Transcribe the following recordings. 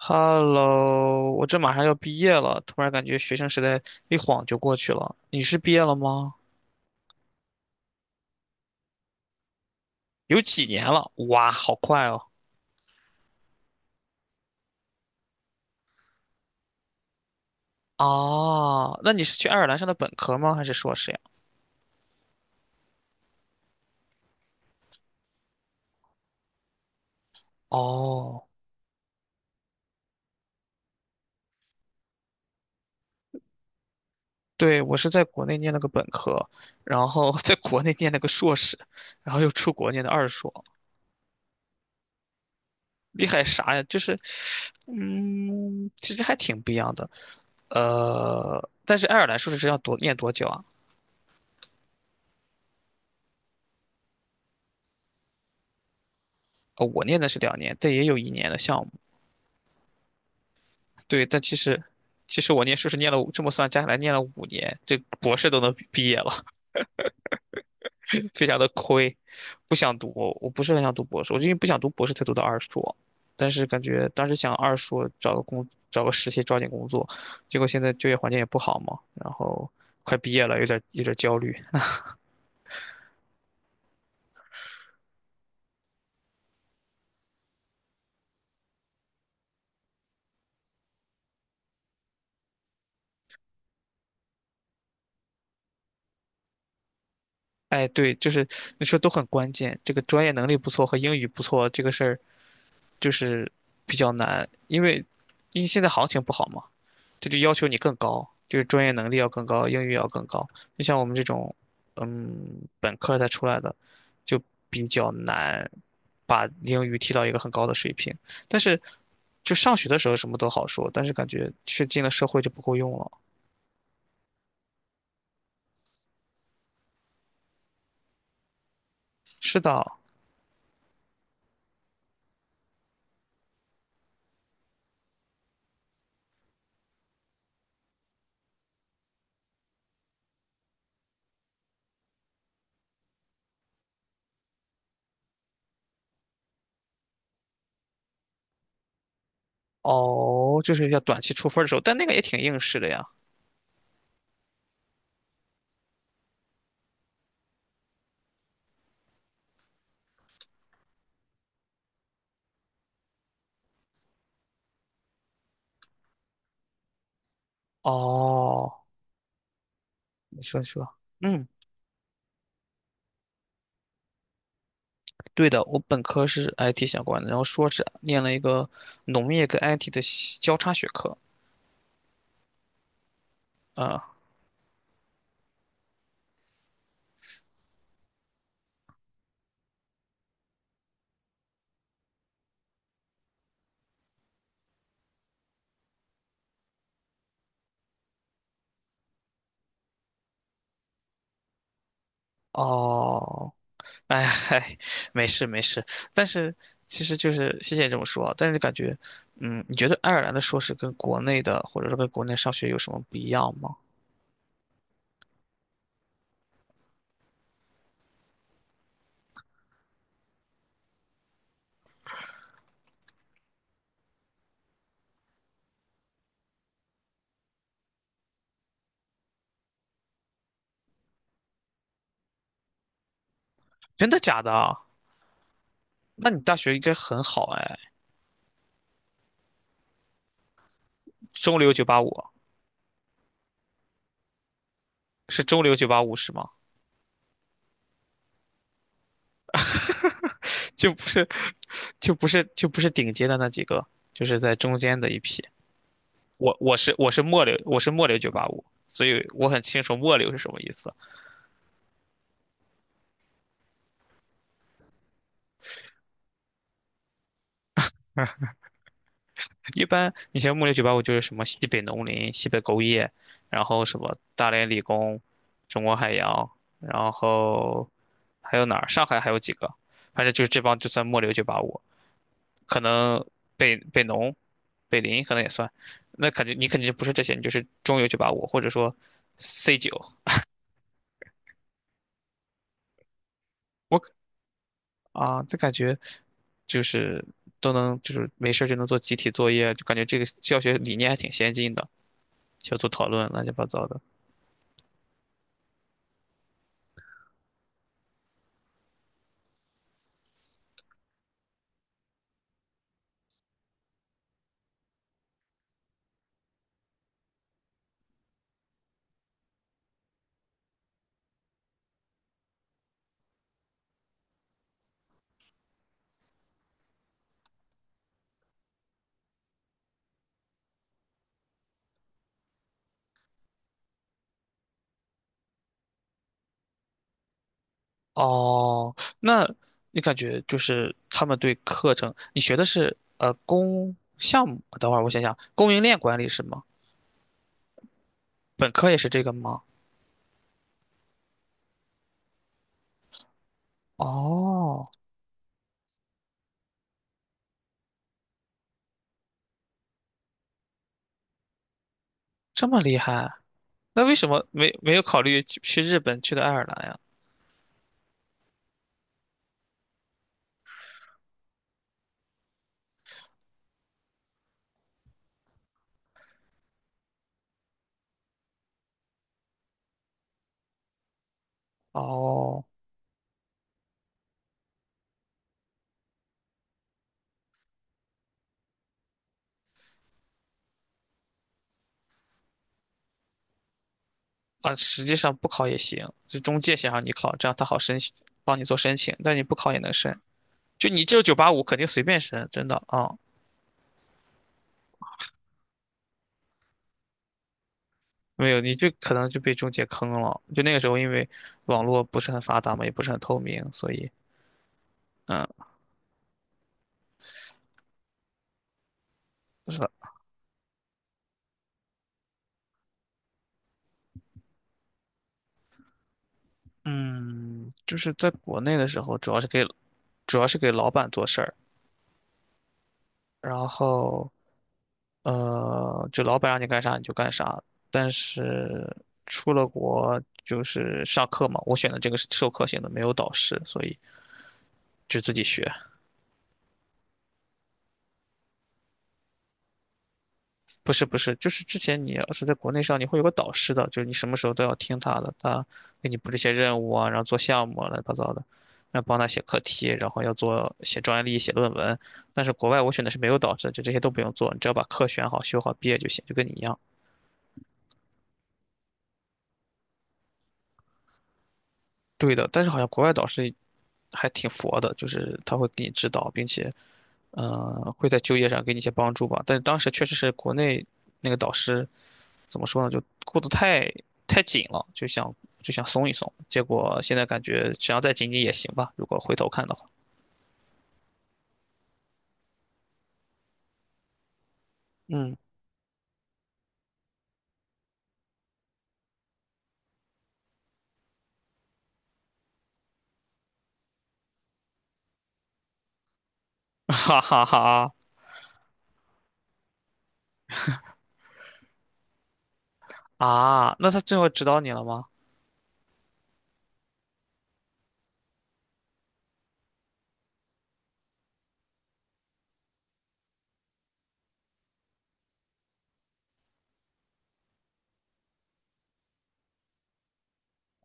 Hello，我这马上要毕业了，突然感觉学生时代一晃就过去了。你是毕业了吗？有几年了？哇，好快哦！啊，那你是去爱尔兰上的本科吗？还是硕士呀？哦，对，我是在国内念了个本科，然后 在国内念了个硕士，然后又出国念的二硕，厉害啥呀？就是，其实还挺不一样的。但是爱尔兰硕士是要多念多久啊？我念的是两年，这也有一年的项目。对，但其实我念硕士念了这么算加起来念了五年，这博士都能毕业了，非常的亏。不想读，我不是很想读博士，我就因为不想读博士才读的二硕，但是感觉当时想二硕找个实习抓紧工作，结果现在就业环境也不好嘛，然后快毕业了，有点焦虑。哎，对，就是你说都很关键，这个专业能力不错和英语不错这个事儿，就是比较难，因为现在行情不好嘛，这就要求你更高，就是专业能力要更高，英语要更高。就像我们这种，本科才出来的，就比较难把英语提到一个很高的水平。但是，就上学的时候什么都好说，但是感觉是进了社会就不够用了。是的，哦，就是要短期出分儿的时候，但那个也挺应试的呀。哦，你说说，嗯，对的，我本科是 IT 相关的，然后硕士念了一个农业跟 IT 的交叉学科。啊、哦，哎嗨，没事没事，但是其实就是谢谢你这么说啊，但是感觉，你觉得爱尔兰的硕士跟国内的或者说跟国内上学有什么不一样吗？真的假的啊？那你大学应该很好哎，中流九八五是中流九八五是吗？就不是，就不是顶尖的那几个，就是在中间的一批。我是末流，我是末流九八五，所以我很清楚末流是什么意思啊。一般你像木林酒吧，我就是什么西北农林、西北工业，然后什么大连理工、中国海洋，然后还有哪儿？上海还有几个？反正就是这帮就算末流九八五，可能北农、北林可能也算。那肯定你肯定就不是这些，你就是中游九八五或者说 C 九。我这感觉就是都能就是没事儿就能做集体作业，就感觉这个教学理念还挺先进的，小组讨论乱七八糟的。哦，那你感觉就是他们对课程，你学的是供项目？等会儿我想想，供应链管理是吗？本科也是这个吗？哦，这么厉害，那为什么没有考虑去日本，去的爱尔兰呀？哦，啊，实际上不考也行，是中介想让你考，这样他好申请，帮你做申请，但你不考也能申。就你这九八五肯定随便申，真的啊。没有，你就可能就被中介坑了。就那个时候，因为网络不是很发达嘛，也不是很透明，所以，嗯，是的，嗯，就是在国内的时候，主要是给老板做事儿，然后，就老板让你干啥你就干啥。但是出了国就是上课嘛，我选的这个是授课型的，没有导师，所以就自己学。不是不是，就是之前你要是在国内上，你会有个导师的，就是你什么时候都要听他的，他给你布置一些任务啊，然后做项目啊，乱七八糟的，然后帮他写课题，然后写专利、写论文。但是国外我选的是没有导师的，就这些都不用做，你只要把课选好、修好、毕业就行，就跟你一样。对的，但是好像国外导师还挺佛的，就是他会给你指导，并且，会在就业上给你一些帮助吧。但是当时确实是国内那个导师怎么说呢，就顾得太紧了，就想松一松。结果现在感觉只要再紧紧也行吧，如果回头看的话。嗯，哈哈哈啊，那他最后指导你了吗？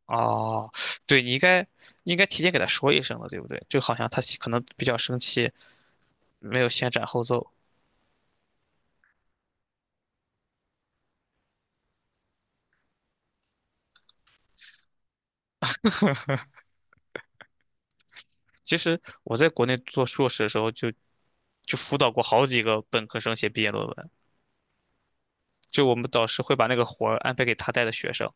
哦，对，你应该提前给他说一声的，对不对？就好像他可能比较生气，没有先斩后奏。其实我在国内做硕士的时候就辅导过好几个本科生写毕业论文。就我们导师会把那个活儿安排给他带的学生，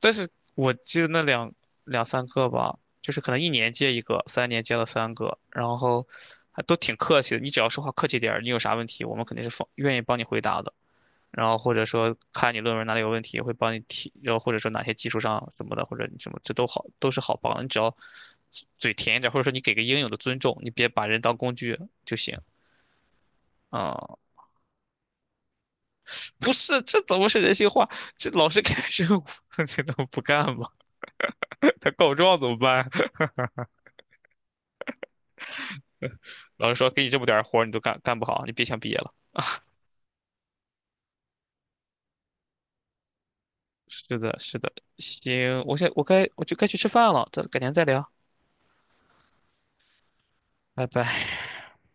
但是我记得那两三个吧，就是可能一年接一个，三年接了三个，然后还都挺客气的。你只要说话客气点儿，你有啥问题，我们肯定是放愿意帮你回答的。然后或者说看你论文哪里有问题，会帮你提，然后或者说哪些技术上什么的，或者你什么，这都好，都是好帮的你只要嘴甜一点，或者说你给个应有的尊重，你别把人当工具就行。啊、不是，这怎么是人性化？这老师开始，务，这能不干吗？他告状怎么办？老师说给你这么点儿活儿你都干不好，你别想毕业了。是的，是的，行，我就该去吃饭了，咱改天再聊，拜拜。